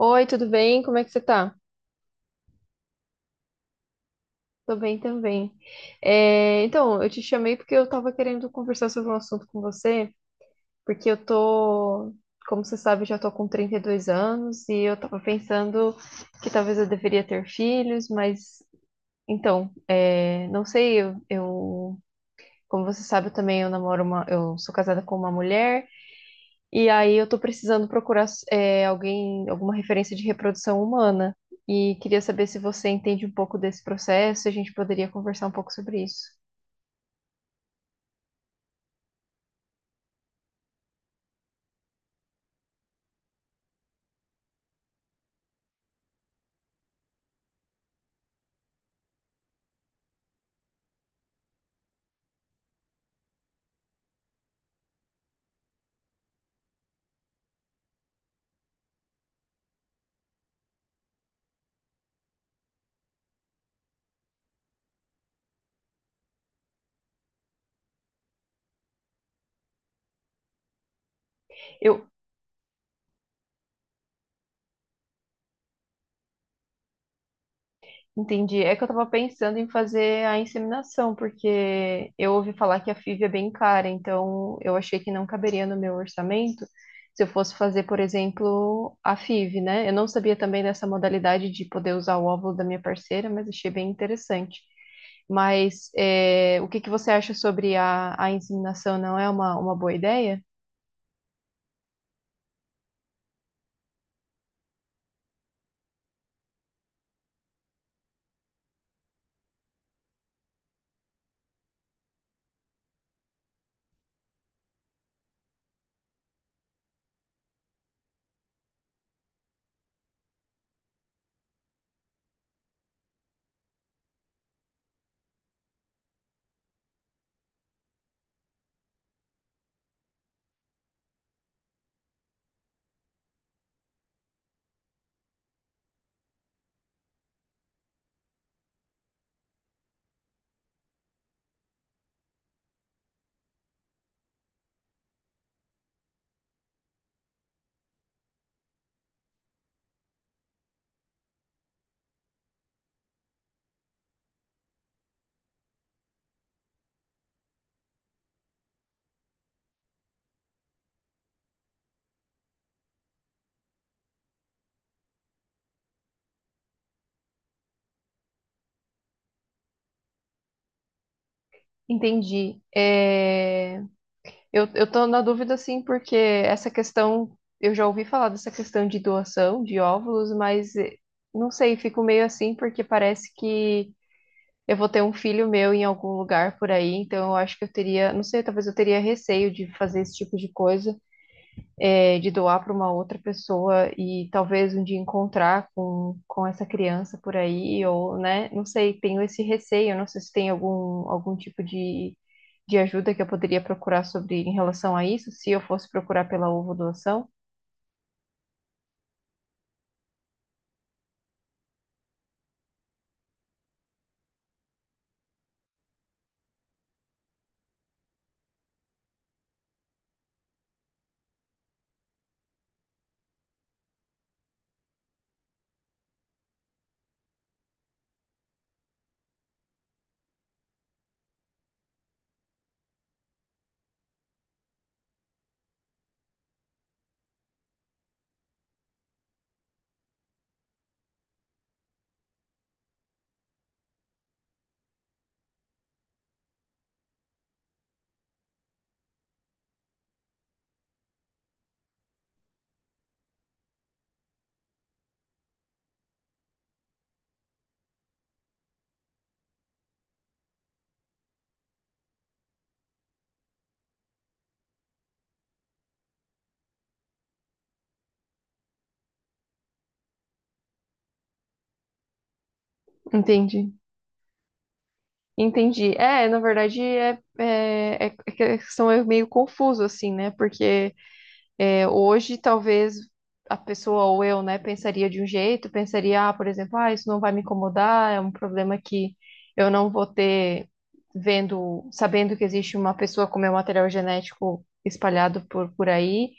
Oi, tudo bem? Como é que você tá? Tô bem também. Eu te chamei porque eu tava querendo conversar sobre um assunto com você, porque eu tô, como você sabe, eu já tô com 32 anos e eu tava pensando que talvez eu deveria ter filhos, mas não sei, como você sabe, eu também eu namoro uma, eu sou casada com uma mulher. E aí eu tô precisando procurar alguém, alguma referência de reprodução humana. E queria saber se você entende um pouco desse processo, se a gente poderia conversar um pouco sobre isso. Eu, Entendi. É que eu tava pensando em fazer a inseminação, porque eu ouvi falar que a FIV é bem cara, então eu achei que não caberia no meu orçamento se eu fosse fazer, por exemplo, a FIV, né? Eu não sabia também dessa modalidade de poder usar o óvulo da minha parceira, mas achei bem interessante. Mas é, o que que você acha sobre a inseminação? Não é uma boa ideia? Entendi. Eu tô na dúvida, assim, porque eu já ouvi falar dessa questão de doação de óvulos, mas não sei, fico meio assim, porque parece que eu vou ter um filho meu em algum lugar por aí, então eu acho que eu teria, não sei, talvez eu teria receio de fazer esse tipo de coisa, de doar para uma outra pessoa e talvez um dia encontrar com essa criança por aí, ou, né? Não sei, tenho esse receio, não sei se tem algum tipo de ajuda que eu poderia procurar sobre em relação a isso, se eu fosse procurar pela ovo doação. Entendi. Entendi. É, na verdade, é que a questão é meio confuso, assim, né? Porque é, hoje, talvez a pessoa ou eu, né, pensaria de um jeito, pensaria, ah, por exemplo, ah, isso não vai me incomodar, é um problema que eu não vou ter vendo, sabendo que existe uma pessoa com meu material genético espalhado por aí,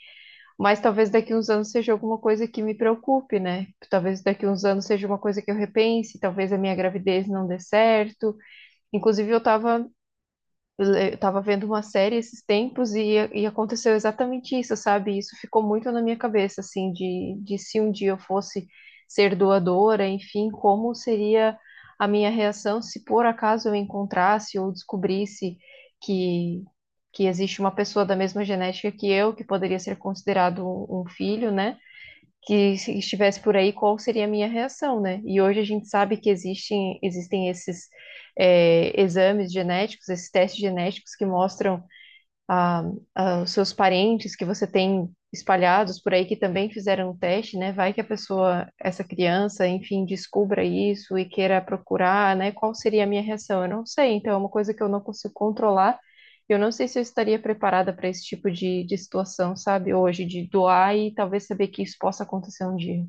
mas talvez daqui uns anos seja alguma coisa que me preocupe, né? Talvez daqui uns anos seja uma coisa que eu repense, talvez a minha gravidez não dê certo. Inclusive, eu estava vendo uma série esses tempos e aconteceu exatamente isso, sabe? Isso ficou muito na minha cabeça, assim, de se um dia eu fosse ser doadora, enfim, como seria a minha reação se por acaso eu encontrasse ou descobrisse que, que existe uma pessoa da mesma genética que eu, que poderia ser considerado um filho, né? Que se estivesse por aí, qual seria a minha reação, né? E hoje a gente sabe que existem esses exames genéticos, esses testes genéticos que mostram a, os seus parentes que você tem espalhados por aí que também fizeram o teste, né? Vai que a pessoa, essa criança, enfim, descubra isso e queira procurar, né? Qual seria a minha reação? Eu não sei. Então, é uma coisa que eu não consigo controlar. Eu não sei se eu estaria preparada para esse tipo de situação, sabe? Hoje, de doar e talvez saber que isso possa acontecer um dia.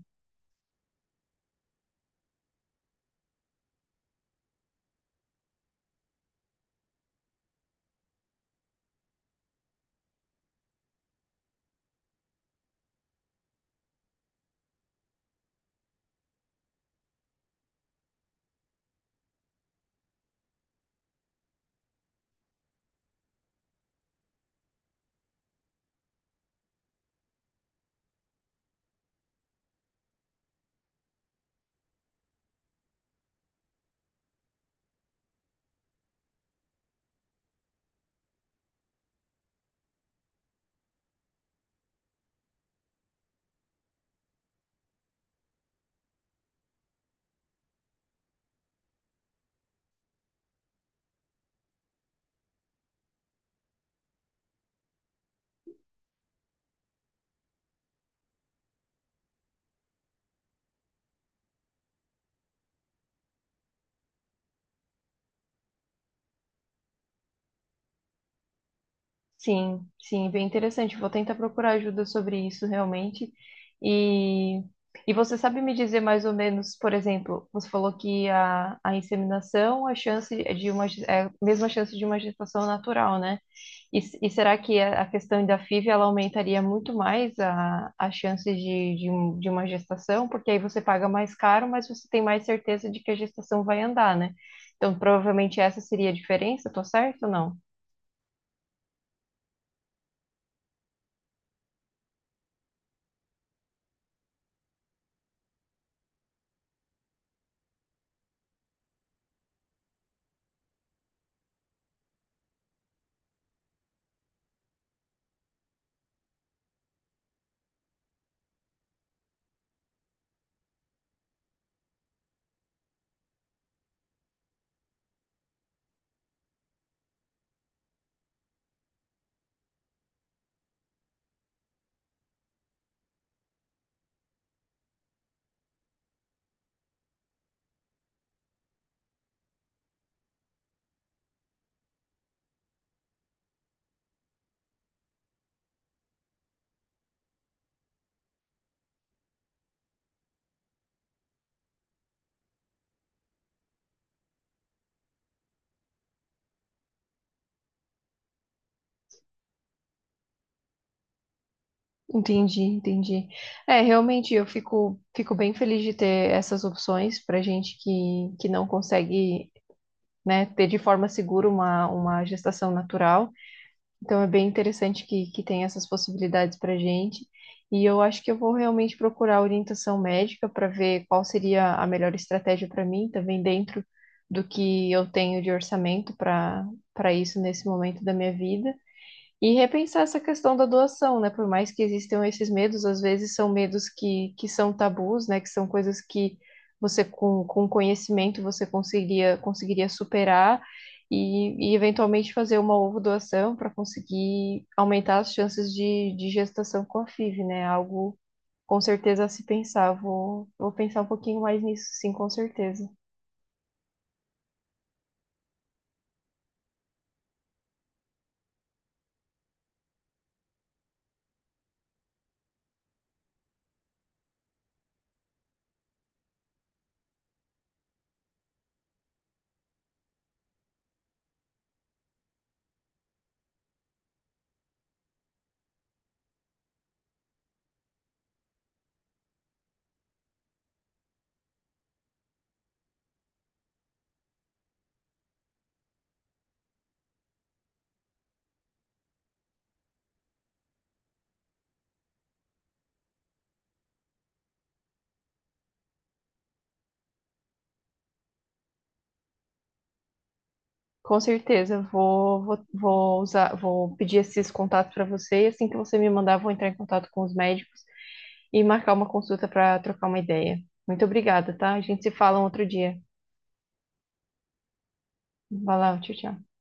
Sim, sim, bem interessante. Vou tentar procurar ajuda sobre isso realmente. E, e você sabe me dizer mais ou menos, por exemplo, você falou que a inseminação, a chance é de uma, é a mesma chance de uma gestação natural, né? E, e será que a questão da FIV ela aumentaria muito mais a chance de, de uma gestação? Porque aí você paga mais caro, mas você tem mais certeza de que a gestação vai andar, né? Então, provavelmente essa seria a diferença, tô certo ou não? Entendi, entendi. É, realmente eu fico, fico bem feliz de ter essas opções para gente que não consegue, né, ter de forma segura uma gestação natural. Então é bem interessante que tem essas possibilidades para gente. E eu acho que eu vou realmente procurar orientação médica para ver qual seria a melhor estratégia para mim, também dentro do que eu tenho de orçamento para isso nesse momento da minha vida. E repensar essa questão da doação, né? Por mais que existam esses medos, às vezes são medos que são tabus, né? Que são coisas que você, com conhecimento, você conseguiria superar e eventualmente fazer uma ovo doação para conseguir aumentar as chances de gestação com a FIV, né? Algo com certeza a se pensar. Vou pensar um pouquinho mais nisso, sim, com certeza. Com certeza, vou usar, vou pedir esses contatos para você e assim que você me mandar, vou entrar em contato com os médicos e marcar uma consulta para trocar uma ideia. Muito obrigada, tá? A gente se fala um outro dia. Vai lá, tchau, tchau.